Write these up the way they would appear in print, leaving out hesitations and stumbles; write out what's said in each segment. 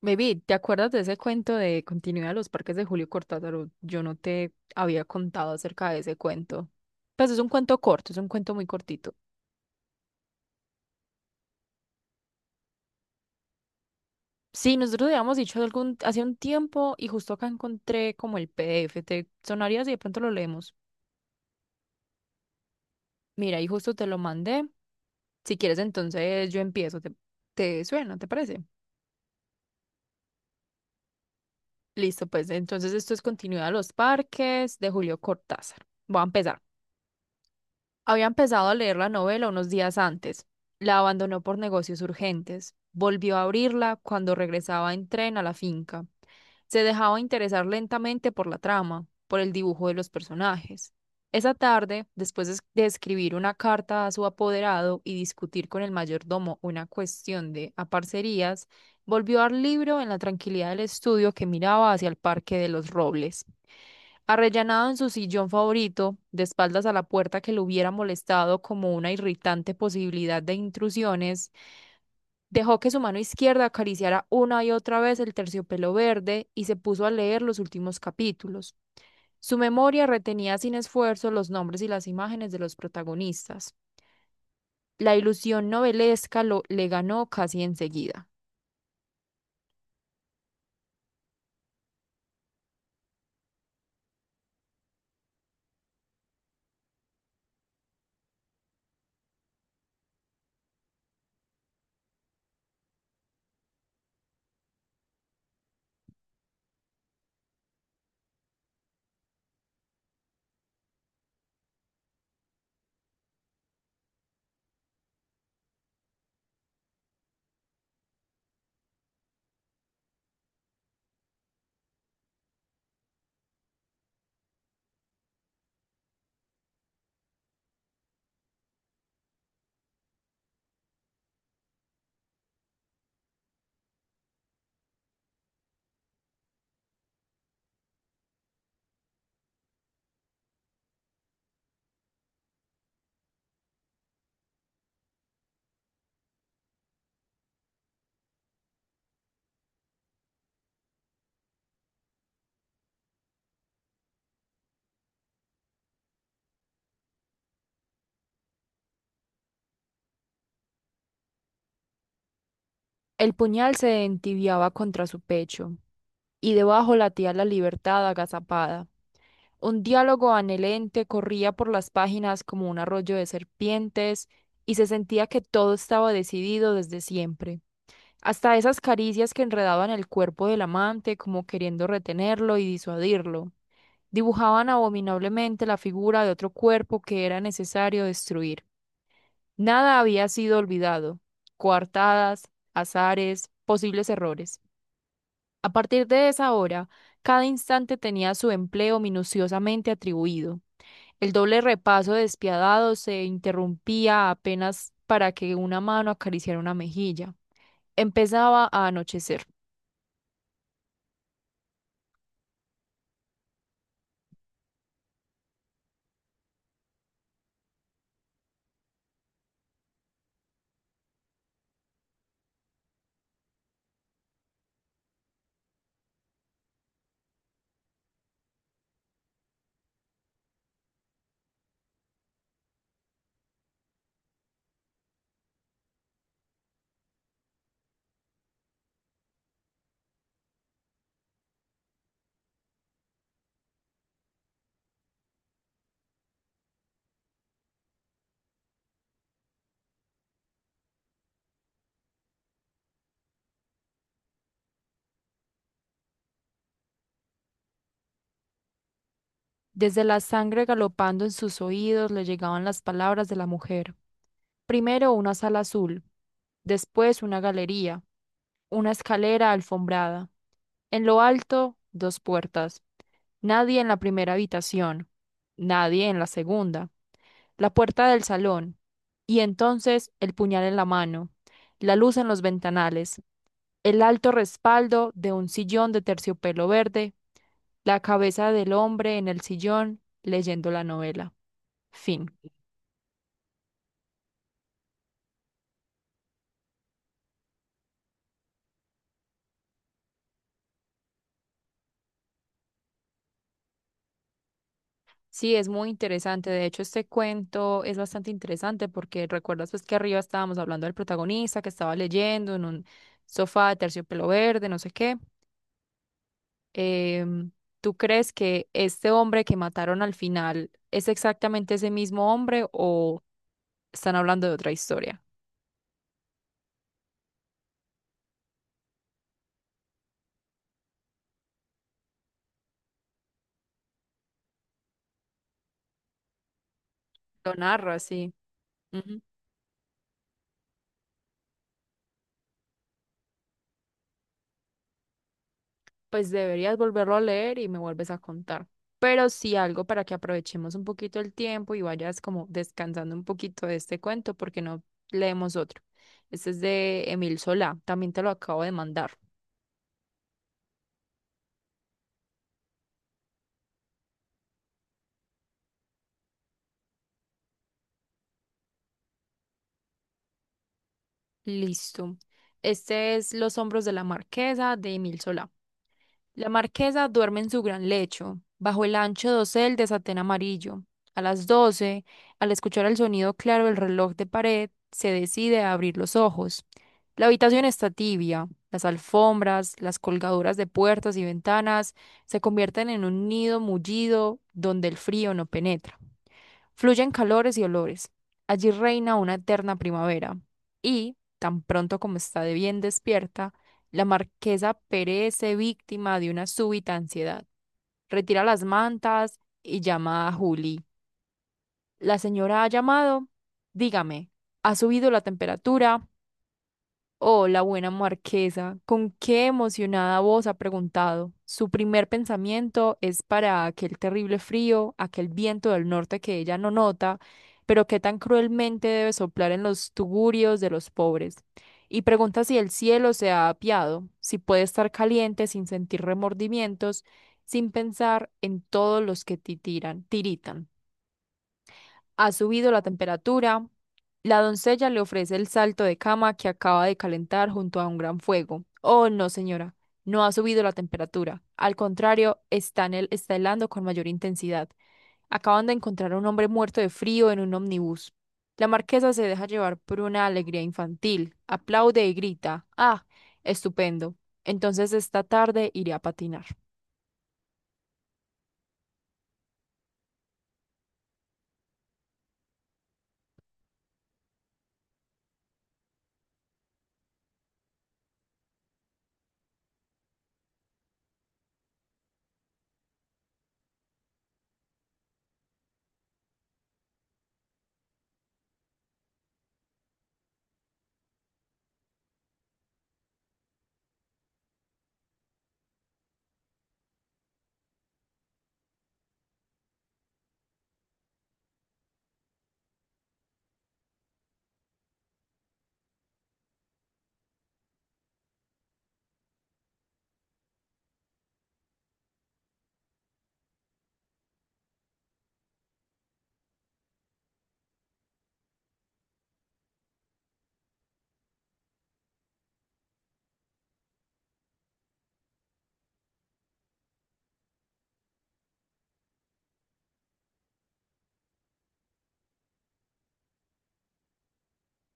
Baby, ¿te acuerdas de ese cuento de Continuidad de los Parques de Julio Cortázar? Yo no te había contado acerca de ese cuento. Pues es un cuento corto, es un cuento muy cortito. Sí, nosotros habíamos dicho hace un tiempo y justo acá encontré como el PDF. ¿Te sonaría si de pronto lo leemos? Mira, y justo te lo mandé. Si quieres, entonces yo empiezo. ¿Te suena? ¿Te parece? Listo, pues entonces esto es Continuidad de los Parques de Julio Cortázar. Voy a empezar. Había empezado a leer la novela unos días antes. La abandonó por negocios urgentes. Volvió a abrirla cuando regresaba en tren a la finca. Se dejaba interesar lentamente por la trama, por el dibujo de los personajes. Esa tarde, después de escribir una carta a su apoderado y discutir con el mayordomo una cuestión de aparcerías, volvió al libro en la tranquilidad del estudio que miraba hacia el Parque de los Robles. Arrellanado en su sillón favorito, de espaldas a la puerta que lo hubiera molestado como una irritante posibilidad de intrusiones, dejó que su mano izquierda acariciara una y otra vez el terciopelo verde y se puso a leer los últimos capítulos. Su memoria retenía sin esfuerzo los nombres y las imágenes de los protagonistas. La ilusión novelesca le ganó casi enseguida. El puñal se entibiaba contra su pecho, y debajo latía la libertad agazapada. Un diálogo anhelante corría por las páginas como un arroyo de serpientes, y se sentía que todo estaba decidido desde siempre. Hasta esas caricias que enredaban el cuerpo del amante como queriendo retenerlo y disuadirlo, dibujaban abominablemente la figura de otro cuerpo que era necesario destruir. Nada había sido olvidado, coartadas, azares, posibles errores. A partir de esa hora, cada instante tenía su empleo minuciosamente atribuido. El doble repaso despiadado se interrumpía apenas para que una mano acariciara una mejilla. Empezaba a anochecer. Desde la sangre galopando en sus oídos le llegaban las palabras de la mujer. Primero una sala azul, después una galería, una escalera alfombrada. En lo alto, dos puertas. Nadie en la primera habitación, nadie en la segunda la puerta del salón, y entonces el puñal en la mano, la luz en los ventanales, el alto respaldo de un sillón de terciopelo verde, la cabeza del hombre en el sillón leyendo la novela. Fin. Sí, es muy interesante. De hecho, este cuento es bastante interesante porque recuerdas pues que arriba estábamos hablando del protagonista que estaba leyendo en un sofá de terciopelo verde, no sé qué. em, ¿Tú crees que este hombre que mataron al final es exactamente ese mismo hombre o están hablando de otra historia? Lo narra, sí. Ujú. Pues deberías volverlo a leer y me vuelves a contar. Pero sí algo para que aprovechemos un poquito el tiempo y vayas como descansando un poquito de este cuento porque no leemos otro. Este es de Emil Solá, también te lo acabo de mandar. Listo. Este es Los hombros de la marquesa de Emil Solá. La marquesa duerme en su gran lecho, bajo el ancho dosel de satén amarillo. A las doce, al escuchar el sonido claro del reloj de pared, se decide a abrir los ojos. La habitación está tibia. Las alfombras, las colgaduras de puertas y ventanas se convierten en un nido mullido donde el frío no penetra. Fluyen calores y olores. Allí reina una eterna primavera. Y, tan pronto como está de bien despierta, la marquesa perece víctima de una súbita ansiedad. Retira las mantas y llama a Juli. La señora ha llamado. Dígame, ¿ha subido la temperatura? Oh, la buena marquesa, con qué emocionada voz ha preguntado. Su primer pensamiento es para aquel terrible frío, aquel viento del norte que ella no nota, pero que tan cruelmente debe soplar en los tugurios de los pobres. Y pregunta si el cielo se ha apiado, si puede estar caliente sin sentir remordimientos, sin pensar en todos los que tiritan. Ha subido la temperatura. La doncella le ofrece el salto de cama que acaba de calentar junto a un gran fuego. Oh, no, señora, no ha subido la temperatura. Al contrario, está helando con mayor intensidad. Acaban de encontrar a un hombre muerto de frío en un ómnibus. La marquesa se deja llevar por una alegría infantil. Aplaude y grita. Ah, estupendo. Entonces esta tarde iré a patinar.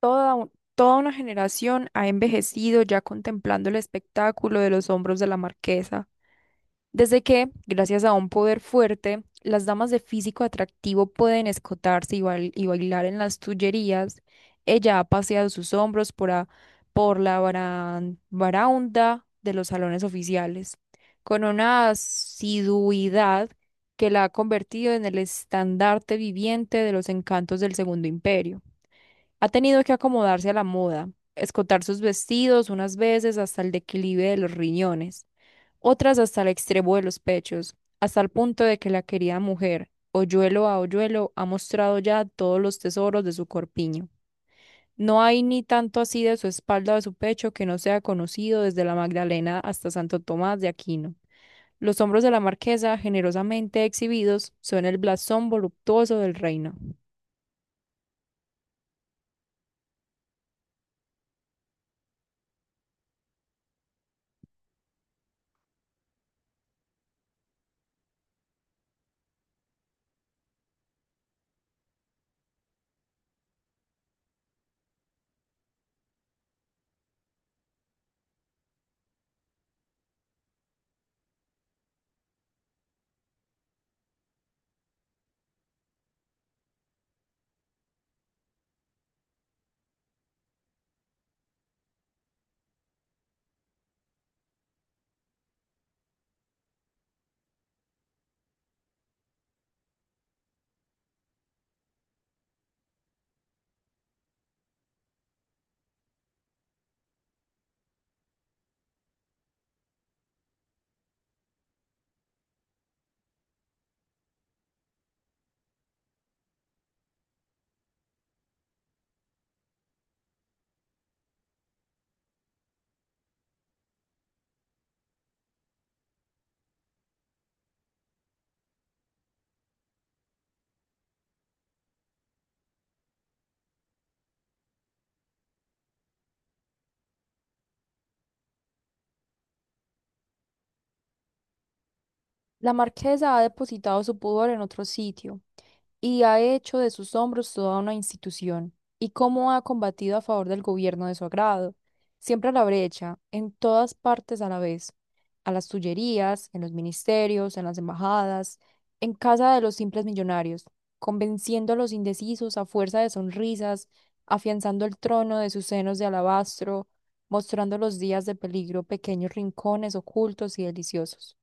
Toda, un- Toda una generación ha envejecido ya contemplando el espectáculo de los hombros de la marquesa. Desde que, gracias a un poder fuerte, las damas de físico atractivo pueden escotarse y, bailar en las tullerías, ella ha paseado sus hombros por la baraunda de los salones oficiales, con una asiduidad que la ha convertido en el estandarte viviente de los encantos del Segundo Imperio. Ha tenido que acomodarse a la moda, escotar sus vestidos unas veces hasta el declive de los riñones, otras hasta el extremo de los pechos, hasta el punto de que la querida mujer, hoyuelo a hoyuelo, ha mostrado ya todos los tesoros de su corpiño. No hay ni tanto así de su espalda o de su pecho que no sea conocido desde la Magdalena hasta Santo Tomás de Aquino. Los hombros de la marquesa, generosamente exhibidos, son el blasón voluptuoso del reino. La marquesa ha depositado su pudor en otro sitio y ha hecho de sus hombros toda una institución, y cómo ha combatido a favor del gobierno de su agrado, siempre a la brecha, en todas partes a la vez, a las tullerías, en los ministerios, en las embajadas, en casa de los simples millonarios, convenciendo a los indecisos a fuerza de sonrisas, afianzando el trono de sus senos de alabastro, mostrando los días de peligro pequeños rincones ocultos y deliciosos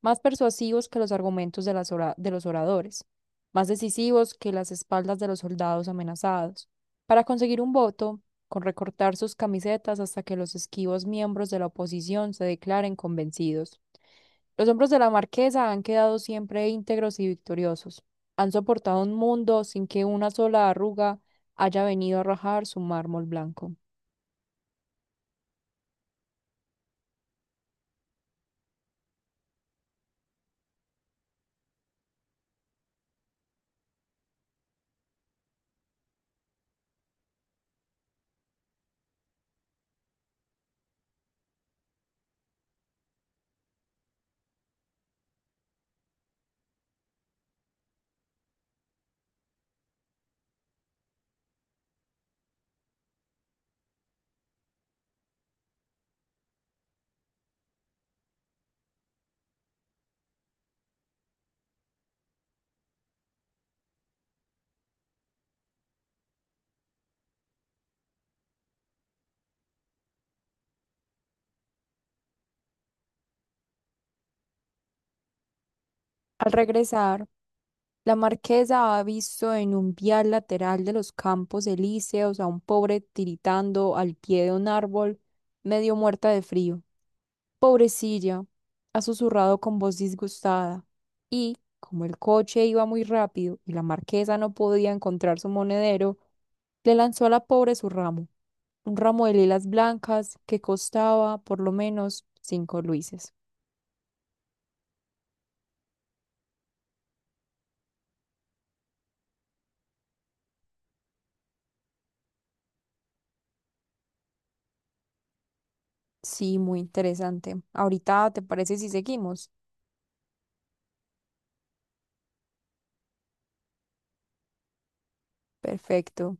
más persuasivos que los argumentos de las de los oradores, más decisivos que las espaldas de los soldados amenazados. Para conseguir un voto, con recortar sus camisetas hasta que los esquivos miembros de la oposición se declaren convencidos. Los hombros de la marquesa han quedado siempre íntegros y victoriosos. Han soportado un mundo sin que una sola arruga haya venido a rajar su mármol blanco. Al regresar, la marquesa ha visto en un vial lateral de los Campos Elíseos a un pobre tiritando al pie de un árbol, medio muerta de frío. Pobrecilla, ha susurrado con voz disgustada. Y, como el coche iba muy rápido y la marquesa no podía encontrar su monedero, le lanzó a la pobre su ramo, un ramo de lilas blancas que costaba por lo menos 5 luises. Sí, muy interesante. Ahorita, ¿te parece si seguimos? Perfecto.